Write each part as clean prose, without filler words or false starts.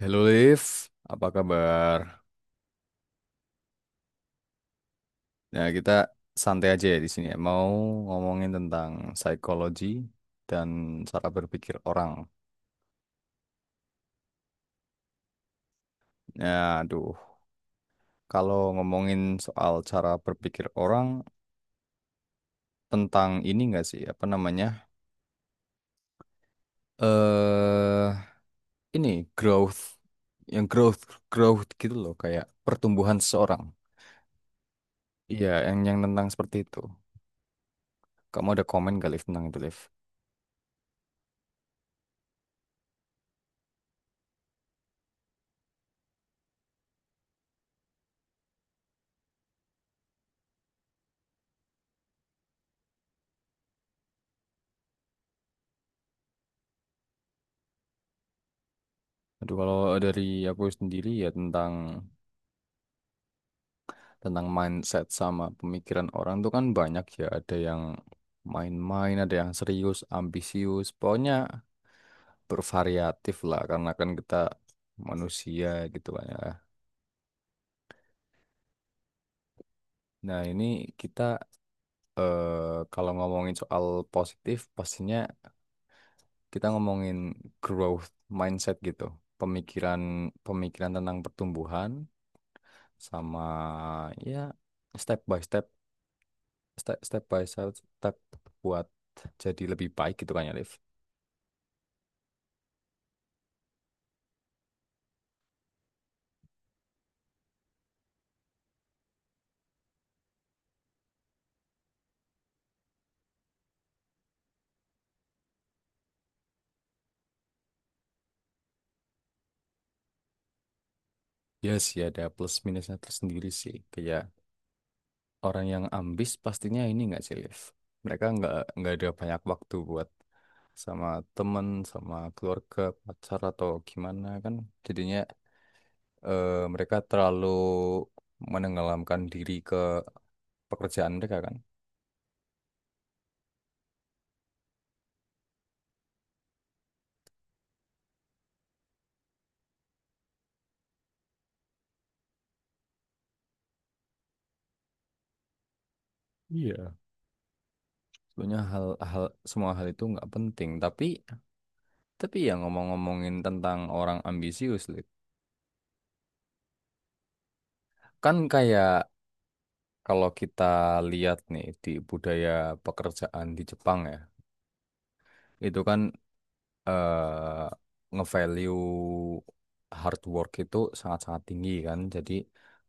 Halo Liv, apa kabar? Nah, kita santai aja ya di sini ya. Mau ngomongin tentang psikologi dan cara berpikir orang. Ya, aduh, kalau ngomongin soal cara berpikir orang tentang ini nggak sih, apa namanya? Eh, ini growth, yang growth growth gitu loh, kayak pertumbuhan seseorang. Iya, yang tentang seperti itu. Kamu ada komen gak Liv tentang itu, Liv? Aduh, kalau dari aku sendiri ya tentang tentang mindset sama pemikiran orang tuh kan banyak ya. Ada yang main-main, ada yang serius, ambisius. Pokoknya bervariatif lah karena kan kita manusia gitu kan ya. Nah, ini kita kalau ngomongin soal positif pastinya kita ngomongin growth mindset gitu. Pemikiran pemikiran tentang pertumbuhan sama ya step by step step by step buat jadi lebih baik gitu kan ya Liv. Ya sih ada plus minusnya tersendiri sih. Kayak orang yang ambis pastinya ini nggak sih, Liv? Mereka nggak ada banyak waktu buat sama temen, sama keluarga, pacar atau gimana kan. Jadinya mereka terlalu menenggelamkan diri ke pekerjaan mereka kan. Iya. Sebenarnya semua hal itu nggak penting. Tapi ya ngomong-ngomongin tentang orang ambisius, Liv. Kan kayak kalau kita lihat nih di budaya pekerjaan di Jepang ya, itu kan eh nge-value hard work itu sangat-sangat tinggi kan. Jadi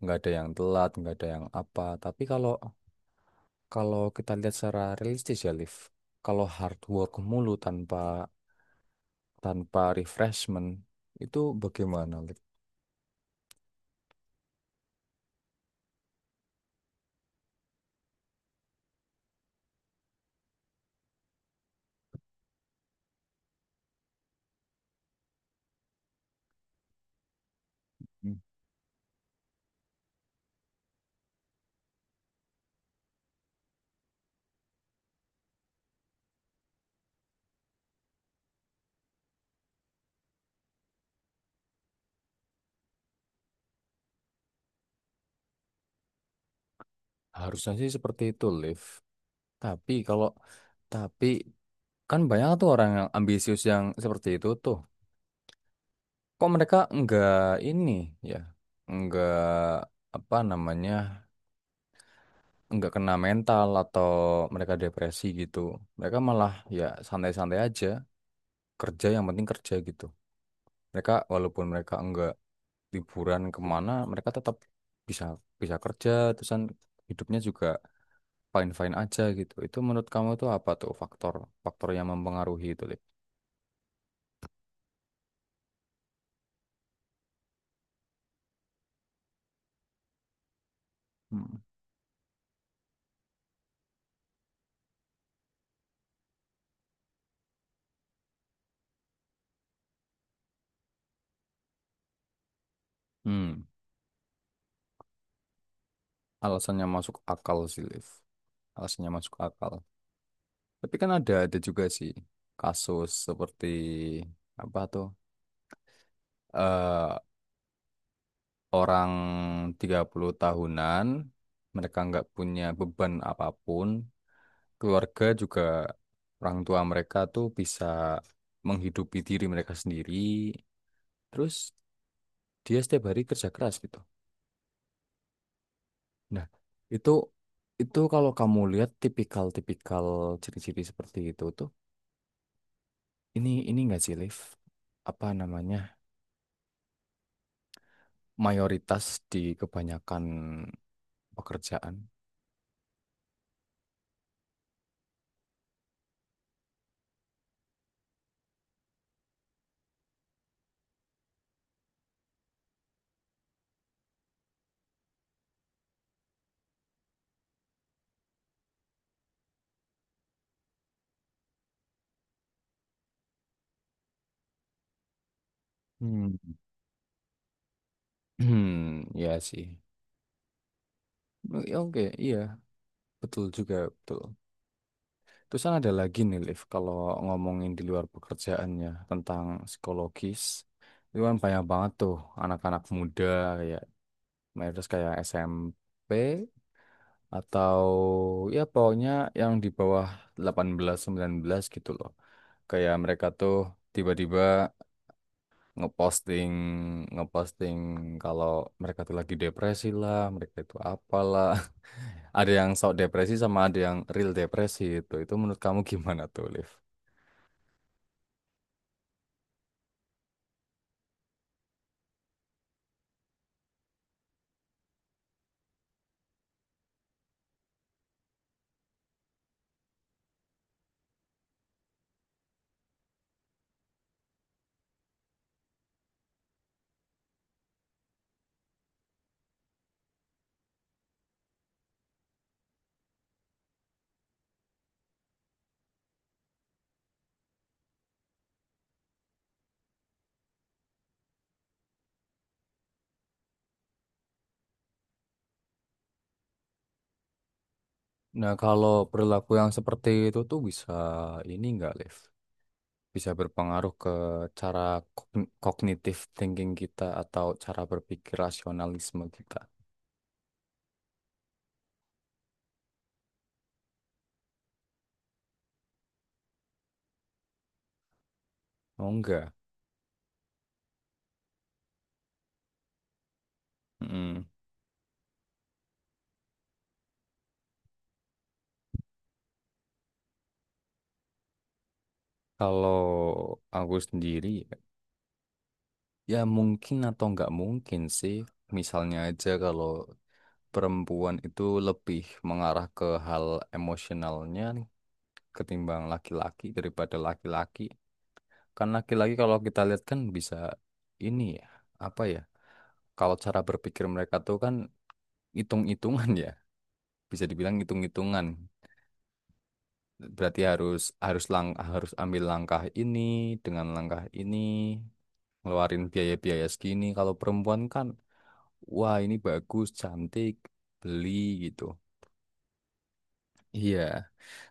nggak ada yang telat, nggak ada yang apa. Tapi kalau kalau kita lihat secara realistis ya, Liv, kalau hard work mulu tanpa tanpa refreshment itu bagaimana, Liv? Hmm. Harusnya sih seperti itu, Liv. Tapi kalau tapi kan banyak tuh orang yang ambisius yang seperti itu tuh. Kok mereka nggak ini ya? Nggak, apa namanya, nggak kena mental atau mereka depresi gitu. Mereka malah ya santai-santai aja, kerja yang penting kerja gitu. Walaupun mereka nggak liburan kemana, mereka tetap bisa bisa kerja, terus kan hidupnya juga fine-fine aja gitu. Itu menurut kamu itu apa tuh faktor faktor yang mempengaruhi itu, Liv? Hmm. Hmm. Alasannya masuk akal sih, Liv. Alasannya masuk akal. Tapi kan ada juga sih kasus seperti apa tuh? Eh, orang 30 tahunan, mereka nggak punya beban apapun, keluarga juga orang tua mereka tuh bisa menghidupi diri mereka sendiri, terus dia setiap hari kerja keras gitu. Nah, itu itu kalau kamu lihat tipikal-tipikal ciri-ciri seperti itu tuh, ini nggak sih, Liv? Apa namanya? Mayoritas di kebanyakan pekerjaan. Hmm. Hmm, ya sih. Ya, oke, iya. Betul juga, betul. Terus kan ada lagi nih, Liv, kalau ngomongin di luar pekerjaannya tentang psikologis, itu kan banyak banget tuh anak-anak muda kayak mayoritas kayak SMP atau ya pokoknya yang di bawah 18 19 gitu loh. Kayak mereka tuh tiba-tiba ngeposting ngeposting kalau mereka tuh lagi depresi lah, mereka itu apalah. Ada yang sok depresi sama ada yang real depresi itu. Itu menurut kamu gimana tuh, Liv? Nah, kalau perilaku yang seperti itu tuh bisa ini nggak, Liv? Bisa berpengaruh ke cara kognitif thinking kita atau cara berpikir rasionalisme kita. Oh, enggak. Mm. Kalau aku sendiri, ya mungkin atau nggak mungkin sih. Misalnya aja kalau perempuan itu lebih mengarah ke hal emosionalnya ketimbang laki-laki daripada laki-laki. Kan laki-laki kalau kita lihat kan bisa ini ya, apa ya? Kalau cara berpikir mereka tuh kan hitung-hitungan ya, bisa dibilang hitung-hitungan. Berarti harus harus lang harus ambil langkah ini dengan langkah ini, ngeluarin biaya-biaya segini. Kalau perempuan kan, wah ini bagus, cantik, beli gitu. Iya,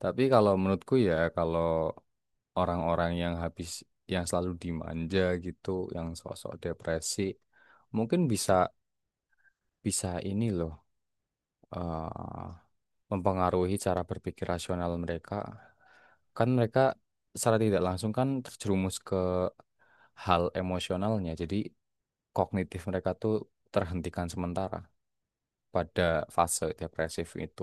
tapi kalau menurutku ya kalau orang-orang yang selalu dimanja gitu, yang sosok depresi, mungkin bisa bisa ini loh, eh, mempengaruhi cara berpikir rasional mereka. Kan mereka secara tidak langsung kan terjerumus ke hal emosionalnya, jadi kognitif mereka tuh terhentikan sementara pada fase depresif itu.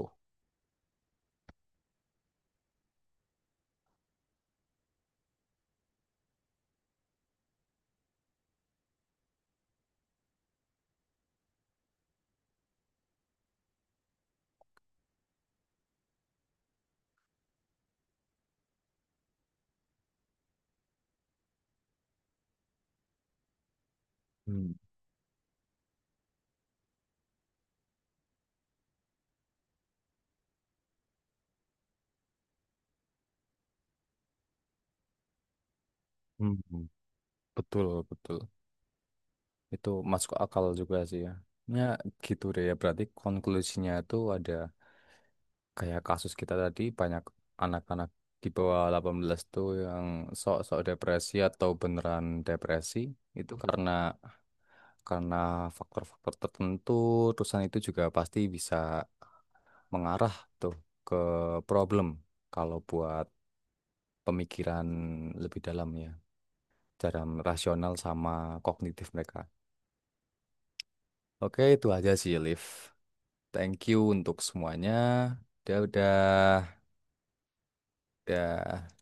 Hmm. Hmm, betul, betul. Itu masuk akal juga sih ya. Ya gitu deh ya. Berarti konklusinya itu ada kayak kasus kita tadi banyak anak-anak di bawah 18 tuh yang sok-sok depresi atau beneran depresi itu karena faktor-faktor tertentu terusan itu juga pasti bisa mengarah tuh ke problem kalau buat pemikiran lebih dalamnya dalam rasional sama kognitif mereka. Oke, itu aja sih, Liv. Thank you untuk semuanya. Udah, udah.